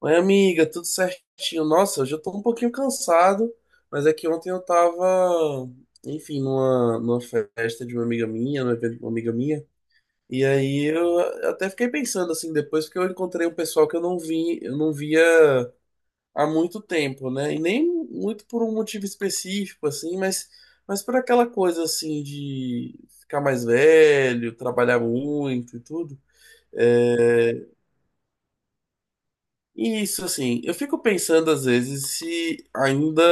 Oi, amiga, tudo certinho? Nossa, hoje eu tô um pouquinho cansado, mas é que ontem eu tava, enfim, numa festa de uma amiga minha, num evento de uma amiga minha, e aí eu até fiquei pensando assim, depois que eu encontrei um pessoal que eu não via há muito tempo, né? E nem muito por um motivo específico, assim, mas por aquela coisa assim de ficar mais velho, trabalhar muito e tudo. É, isso, assim, eu fico pensando às vezes se ainda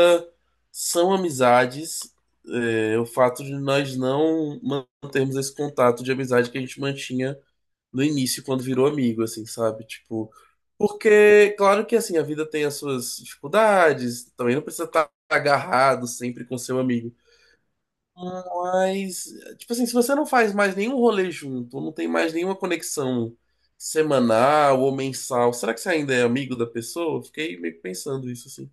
são amizades, o fato de nós não mantermos esse contato de amizade que a gente mantinha no início, quando virou amigo, assim, sabe? Tipo, porque, claro que, assim, a vida tem as suas dificuldades, também não precisa estar agarrado sempre com seu amigo, mas, tipo assim, se você não faz mais nenhum rolê junto, não tem mais nenhuma conexão semanal ou mensal, será que você ainda é amigo da pessoa? Eu fiquei meio que pensando isso, assim.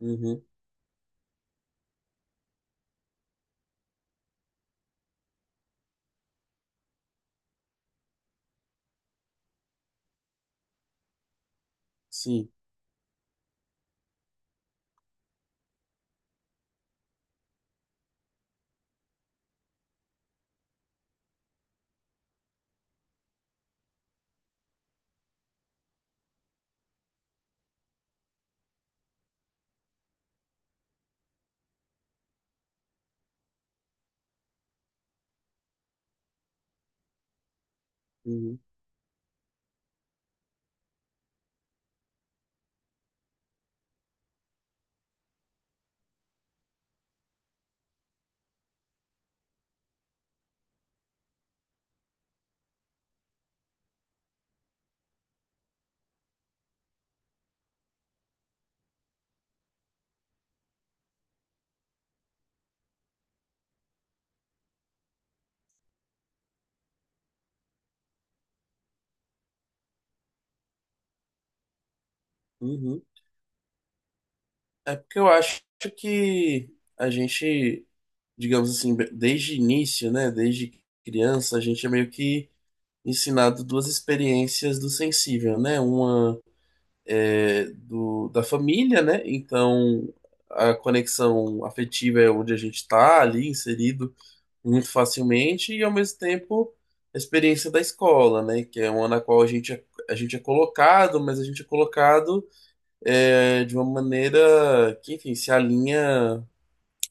Uhum, sim. Uhum, uhum. É porque eu acho que a gente, digamos assim, desde início, né, desde criança, a gente é meio que ensinado duas experiências do sensível, né? Uma é, da família, né? Então a conexão afetiva é onde a gente está ali inserido muito facilmente e ao mesmo tempo a experiência da escola, né? Que é uma na qual a gente é colocado, mas a gente é colocado de uma maneira que, enfim, se alinha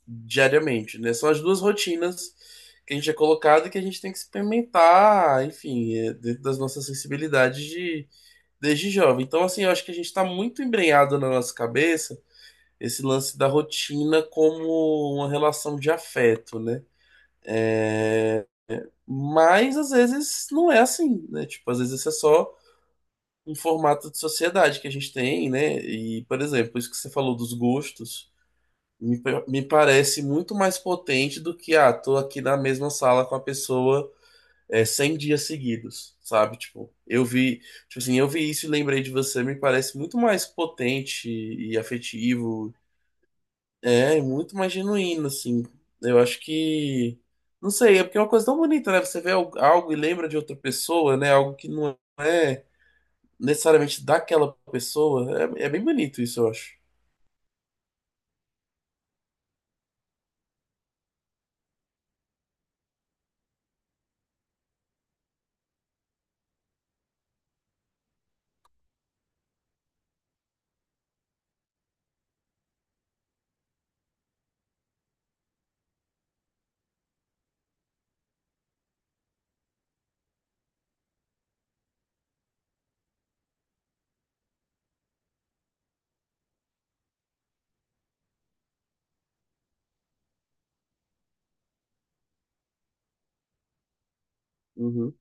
diariamente, né? São as duas rotinas que a gente é colocado e que a gente tem que experimentar, enfim, dentro das nossas sensibilidades de desde jovem. Então, assim, eu acho que a gente está muito embrenhado na nossa cabeça esse lance da rotina como uma relação de afeto, né? Mas às vezes não é assim, né? Tipo, às vezes isso é só um formato de sociedade que a gente tem, né? E, por exemplo, isso que você falou dos gostos, me parece muito mais potente do que, ah, tô aqui na mesma sala com a pessoa 100 dias seguidos, sabe? Tipo, tipo assim, eu vi isso e lembrei de você, me parece muito mais potente e afetivo, muito mais genuíno, assim. Eu acho que, não sei, é porque é uma coisa tão bonita, né? Você vê algo e lembra de outra pessoa, né? Algo que não é necessariamente daquela pessoa, é bem bonito isso, eu acho. Uhum.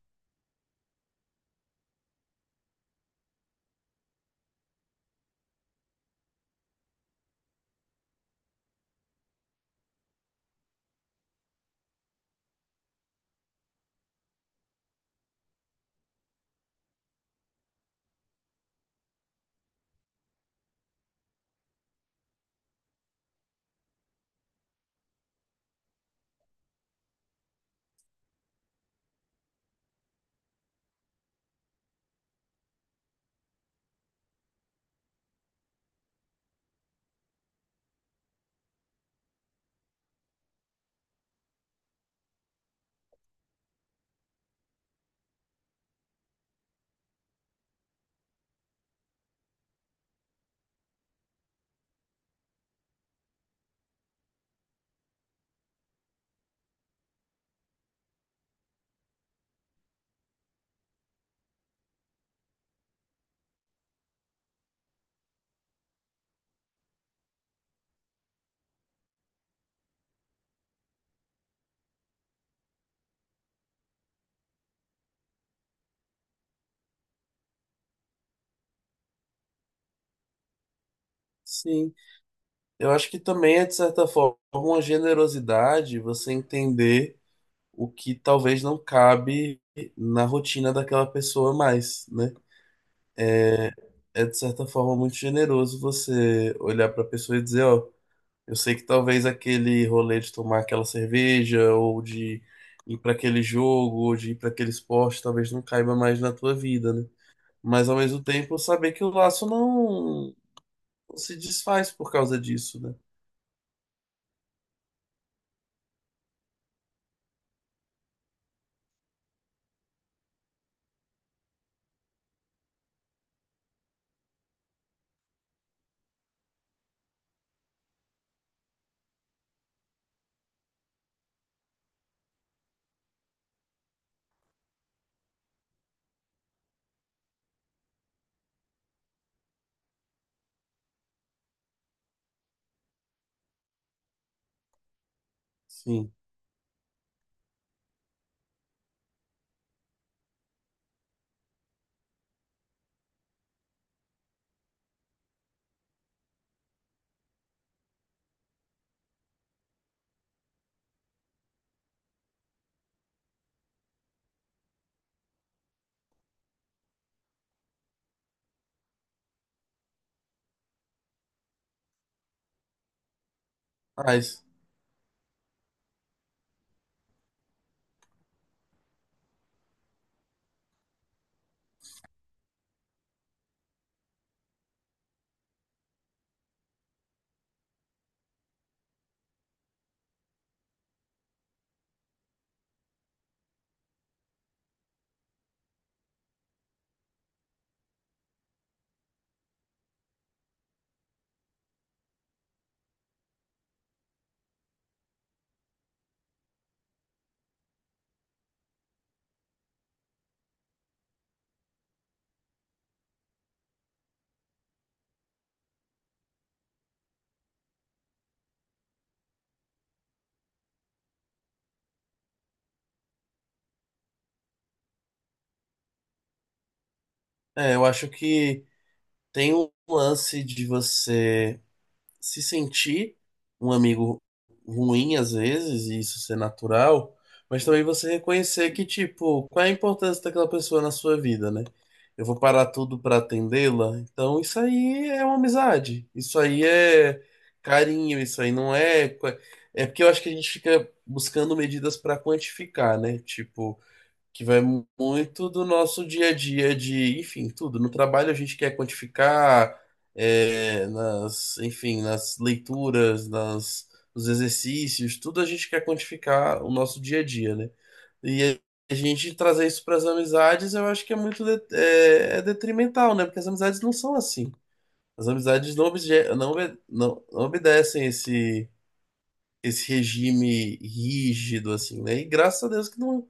Sim, eu acho que também é, de certa forma, uma generosidade você entender o que talvez não cabe na rotina daquela pessoa mais, né? É de certa forma muito generoso você olhar para a pessoa e dizer, ó, eu sei que talvez aquele rolê de tomar aquela cerveja ou de ir para aquele jogo ou de ir para aquele esporte talvez não caiba mais na tua vida, né? Mas ao mesmo tempo saber que o laço não se desfaz por causa disso, né? Sim. Mas eu acho que tem um lance de você se sentir um amigo ruim às vezes, e isso ser natural, mas também você reconhecer que, tipo, qual é a importância daquela pessoa na sua vida, né? Eu vou parar tudo pra atendê-la, então isso aí é uma amizade, isso aí é carinho, isso aí não é. É porque eu acho que a gente fica buscando medidas pra quantificar, né? Tipo que vai muito do nosso dia a dia de, enfim, tudo. No trabalho a gente quer quantificar, nas leituras, nos exercícios, tudo a gente quer quantificar o nosso dia a dia, né? E a gente trazer isso para as amizades, eu acho que é muito é detrimental, né? Porque as amizades não são assim. As amizades não, obje, não, obe- não, não obedecem esse regime rígido, assim, né? E graças a Deus que não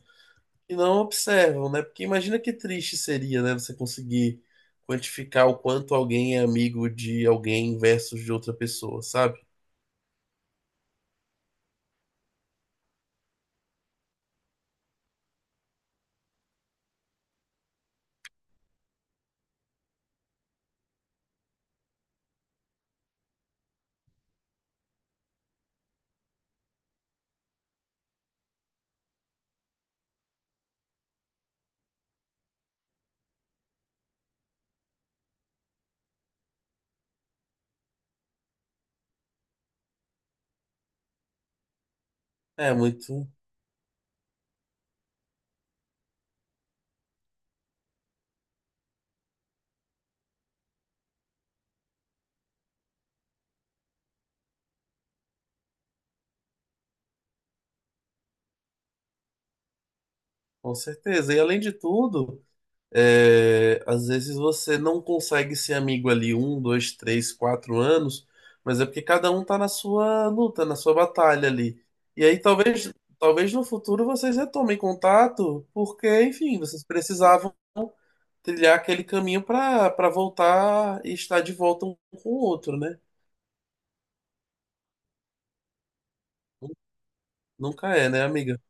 e não observam, né? Porque imagina que triste seria, né? Você conseguir quantificar o quanto alguém é amigo de alguém versus de outra pessoa, sabe? É muito, com certeza. E além de tudo, às vezes você não consegue ser amigo ali um, dois, três, quatro anos, mas é porque cada um tá na sua luta, na sua batalha ali. E aí talvez no futuro vocês retomem contato, porque, enfim, vocês precisavam trilhar aquele caminho para voltar e estar de volta um com o outro, né? Nunca é, né, amiga?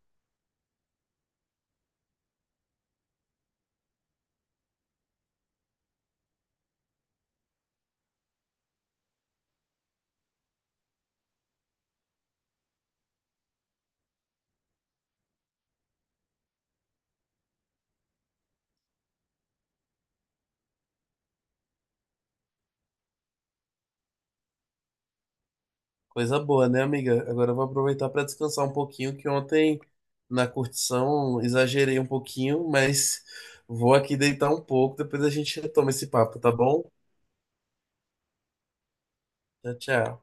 Coisa boa, né, amiga? Agora eu vou aproveitar para descansar um pouquinho, que ontem na curtição exagerei um pouquinho, mas vou aqui deitar um pouco, depois a gente retoma esse papo, tá bom? Tchau, tchau.